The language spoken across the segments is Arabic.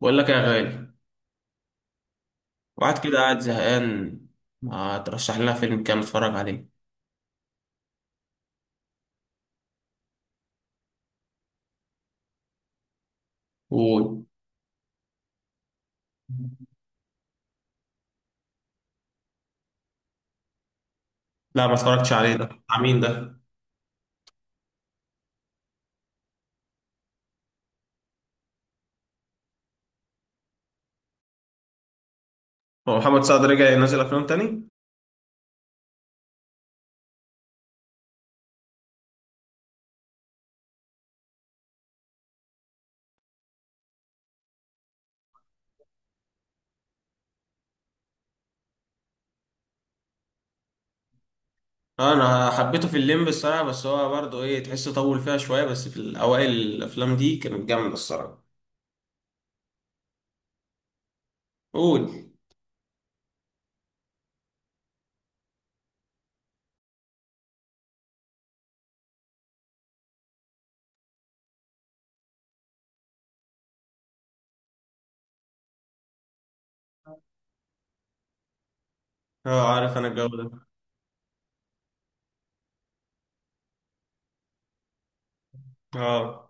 بقول لك يا غالي، واحد كده قاعد زهقان، ما ترشح لنا فيلم كام اتفرج عليه. قول. لا، ما اتفرجتش عليه، ده بتاع مين ده؟ هو محمد سعد رجع ينزل افلام تاني؟ آه، انا حبيته في الليمب الصراحه، بس هو برضه ايه تحس طول فيها شويه، بس في الاوائل الافلام دي كانت جامده الصراحه. قول. اه، عارف انا الجو ده. اه،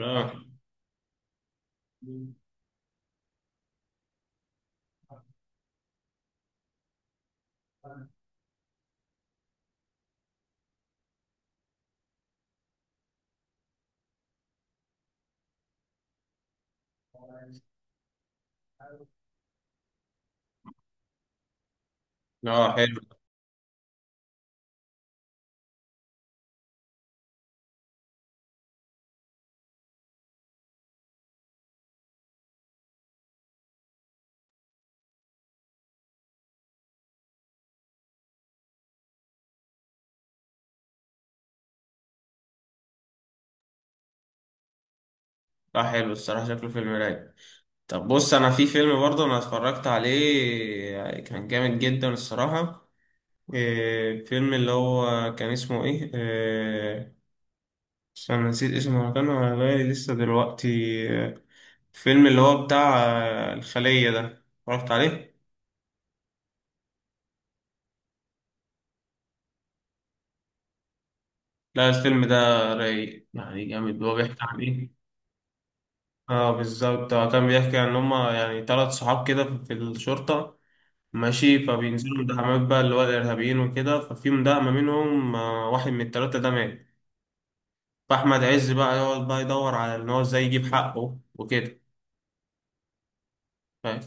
اه، اه، حلو. اه، حلو الصراحه، شكله فيلم رايق. طب بص، انا في فيلم برضه انا اتفرجت عليه كان جامد جدا الصراحه. إيه، فيلم اللي هو كان اسمه ايه، إيه، انا نسيت اسمه، هو كان على بالي لسه دلوقتي، إيه، فيلم اللي هو بتاع آه، الخلية ده، اتفرجت عليه؟ لا، الفيلم ده رايق يعني جامد. هو بيحكي عن ايه؟ اه، بالظبط، هو كان بيحكي عن هما يعني ثلاث صحاب كده في الشرطة. ماشي، فبينزلوا مداهمات بقى اللي هو الإرهابيين وكده. ففي مداهمة منهم آه، واحد من التلاتة ده مات. فأحمد عز بقى يقعد بقى يدور على إن هو إزاي يجيب حقه وكده، فاهم؟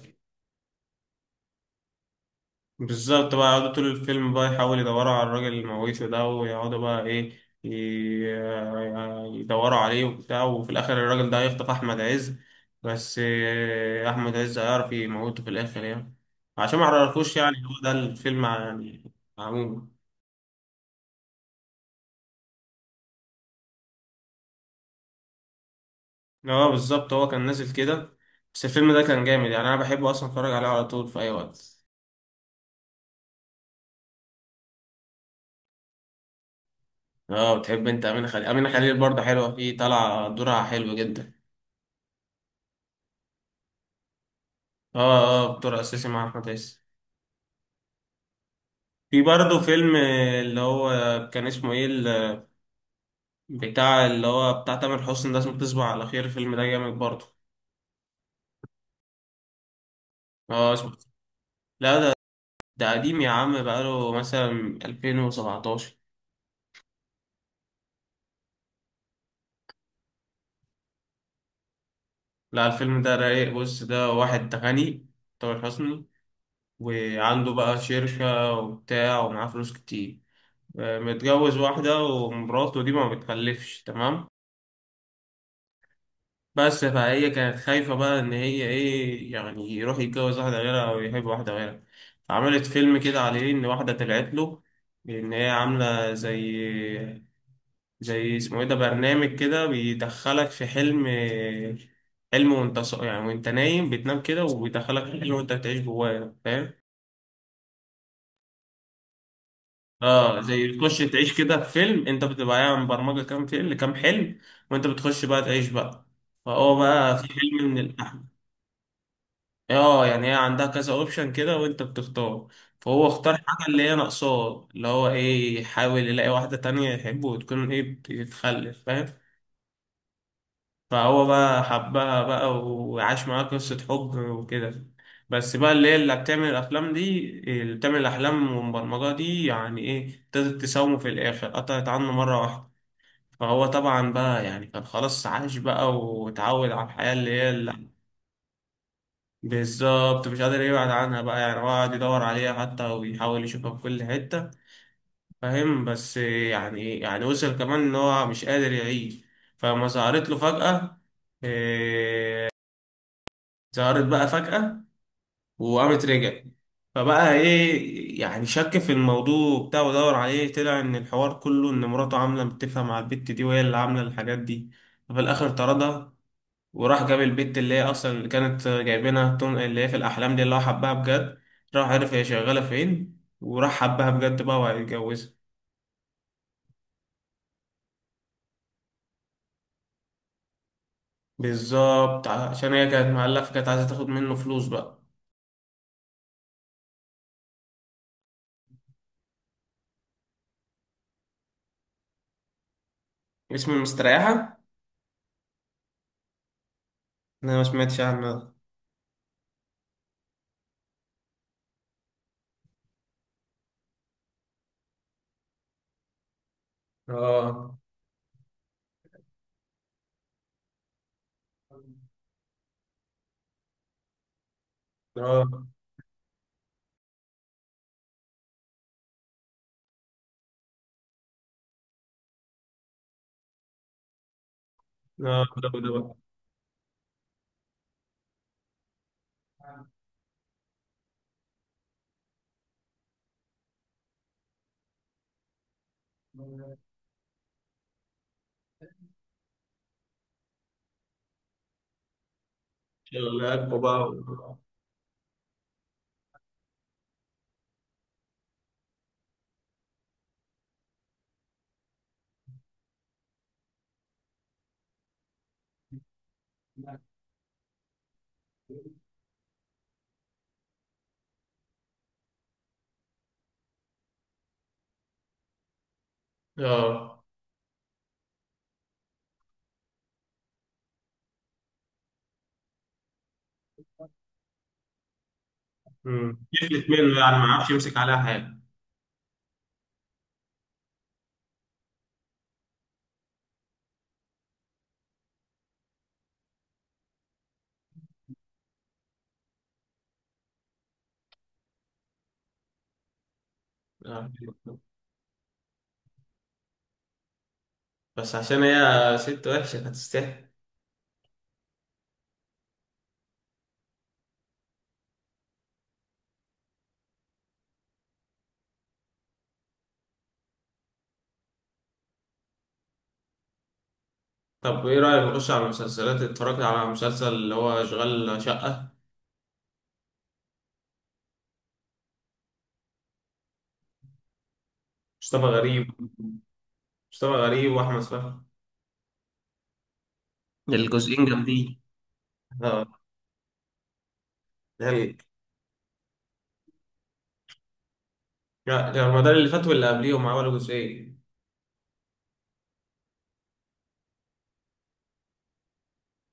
بالظبط، بقى يقعدوا طول الفيلم بقى يحاولوا يدوروا على الراجل المويسه ده، ويقعدوا بقى ايه يدوروا عليه وبتاع. وفي الاخر الراجل ده هيخطف احمد عز، بس آه، احمد عز هيعرف يموته في الاخر يعني. عشان ما عرفوش يعني، هو ده الفيلم يعني، عموما. اه، بالظبط، هو كان نازل كده. بس الفيلم ده كان جامد يعني، انا بحبه اصلا اتفرج عليه على طول في اي وقت. اه، بتحب انت امينه خليل. امينه خليل برضه حلوه فيه، طالعه دورها حلو جدا. اه، اه، بطور اساسي مع احمد عز. في برضه فيلم اللي هو كان اسمه ايه، بتاع اللي هو بتاع تامر حسني ده، اسمه تصبح على خير، الفيلم ده جامد برضه. اه، اسمه. لا، ده قديم يا عم، بقاله مثلا 2017. لا، الفيلم ده رايق. بص، ده واحد غني، تامر حسني، وعنده بقى شركة وبتاع، ومعاه فلوس كتير. آه، متجوز واحدة، ومراته دي ما بتخلفش، تمام. بس فهي كانت خايفة بقى إن هي إيه يعني يروح يتجوز واحدة غيرها أو يحب واحدة غيرها. عملت فيلم كده عليه إن واحدة طلعت له إن هي عاملة زي اسمه إيه ده، برنامج كده بيدخلك في حلم وأنت يعني وأنت نايم بتنام كده وبيدخلك في حلم وأنت بتعيش جواه، فاهم؟ اه، زي تخش تعيش كده في فيلم، انت بتبقى يعني برمجة كام فيلم كام حلم، وانت بتخش بقى تعيش بقى. فهو بقى في حلم من الأحلام. اه، يعني هي عندها كذا اوبشن كده، وانت بتختار. فهو اختار حاجة اللي هي ناقصاه، اللي هو ايه، يحاول يلاقي واحدة تانية يحبه وتكون ايه بتتخلف، فاهم. فهو بقى حبها بقى، وعاش معاها قصة حب وكده. بس بقى اللي هي اللي بتعمل الأفلام دي، اللي بتعمل الأحلام والبرمجة دي يعني ايه، ابتدت تساومه. في الآخر قطعت عنه مرة واحدة. فهو طبعا بقى يعني كان خلاص عاش بقى وتعود على الحياة اللي هي. بالظبط، مش قادر يبعد عنها بقى يعني، هو قاعد يدور عليها حتى وبيحاول يشوفها في كل حتة. فاهم؟ بس يعني وصل كمان إن هو مش قادر يعيش. فلما ظهرت له فجأة، إيه، ظهرت بقى فجأة، وقامت رجعت. فبقى إيه يعني، شك في الموضوع بتاعه ودور عليه، طلع إن الحوار كله إن مراته عاملة متفقة مع البت دي، وهي اللي عاملة الحاجات دي. ففي الآخر طردها. وراح جاب البت اللي هي اصلا اللي كانت جايبينها اللي هي في الاحلام دي، اللي هو حبها بجد. راح عرف هي شغاله فين، وراح حبها بجد بقى، وهيتجوزها. بالظبط، عشان هي كانت مقلقه، فكانت عايزه تاخد منه فلوس بقى. اسم المستريحه؟ انا ما سمعتش عنه ده. اه، اه، اه، ده بقى. شغلك بقى. اه، كيفت منه يعني، ما عرفش يمسك عليها حاجه. آه. بس عشان هي ست وحشه، كانت تستحق. طب ايه رأيك نخش على المسلسلات؟ اتفرجت على مسلسل اللي هو اشغال شقة؟ مصطفى غريب. مصطفى غريب واحمد فهمي. الجزئين جامدين. اه، ده. لا، ده رمضان اللي فات، واللي قبليهم عملوا جزئين.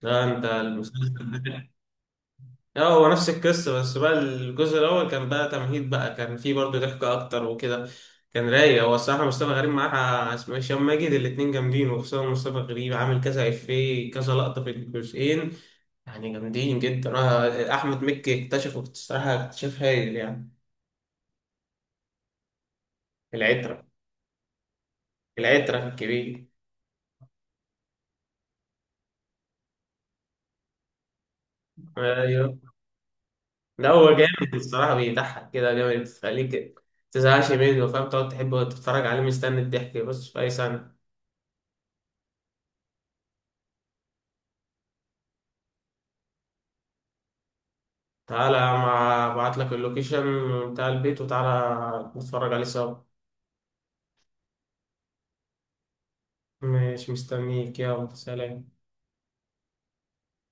ده انت المسلسل ده. اه، هو نفس القصة، بس بقى الجزء الأول كان بقى تمهيد بقى، كان فيه برضه ضحك أكتر وكده. كان رايق هو الصراحة، مصطفى غريب معاه اسمه هشام ماجد، الاتنين جامدين، وخصوصا مصطفى غريب عامل كذا إفيه كذا لقطة في الجزئين. يعني جامدين جدا. انا احمد مكي اكتشفه الصراحه اكتشاف هايل يعني. العترة. العترة الكبير. ايوه. لا، هو جامد الصراحه، بيضحك كده جامد، تخليك تزهقش منه، فاهم؟ تقعد تحبه تتفرج عليه مستني الضحك بس، في اي سنه. تعالى يا عم، ابعت لك اللوكيشن بتاع البيت، وتعالى نتفرج عليه سوا. ماشي، مستنيك، يلا سلام.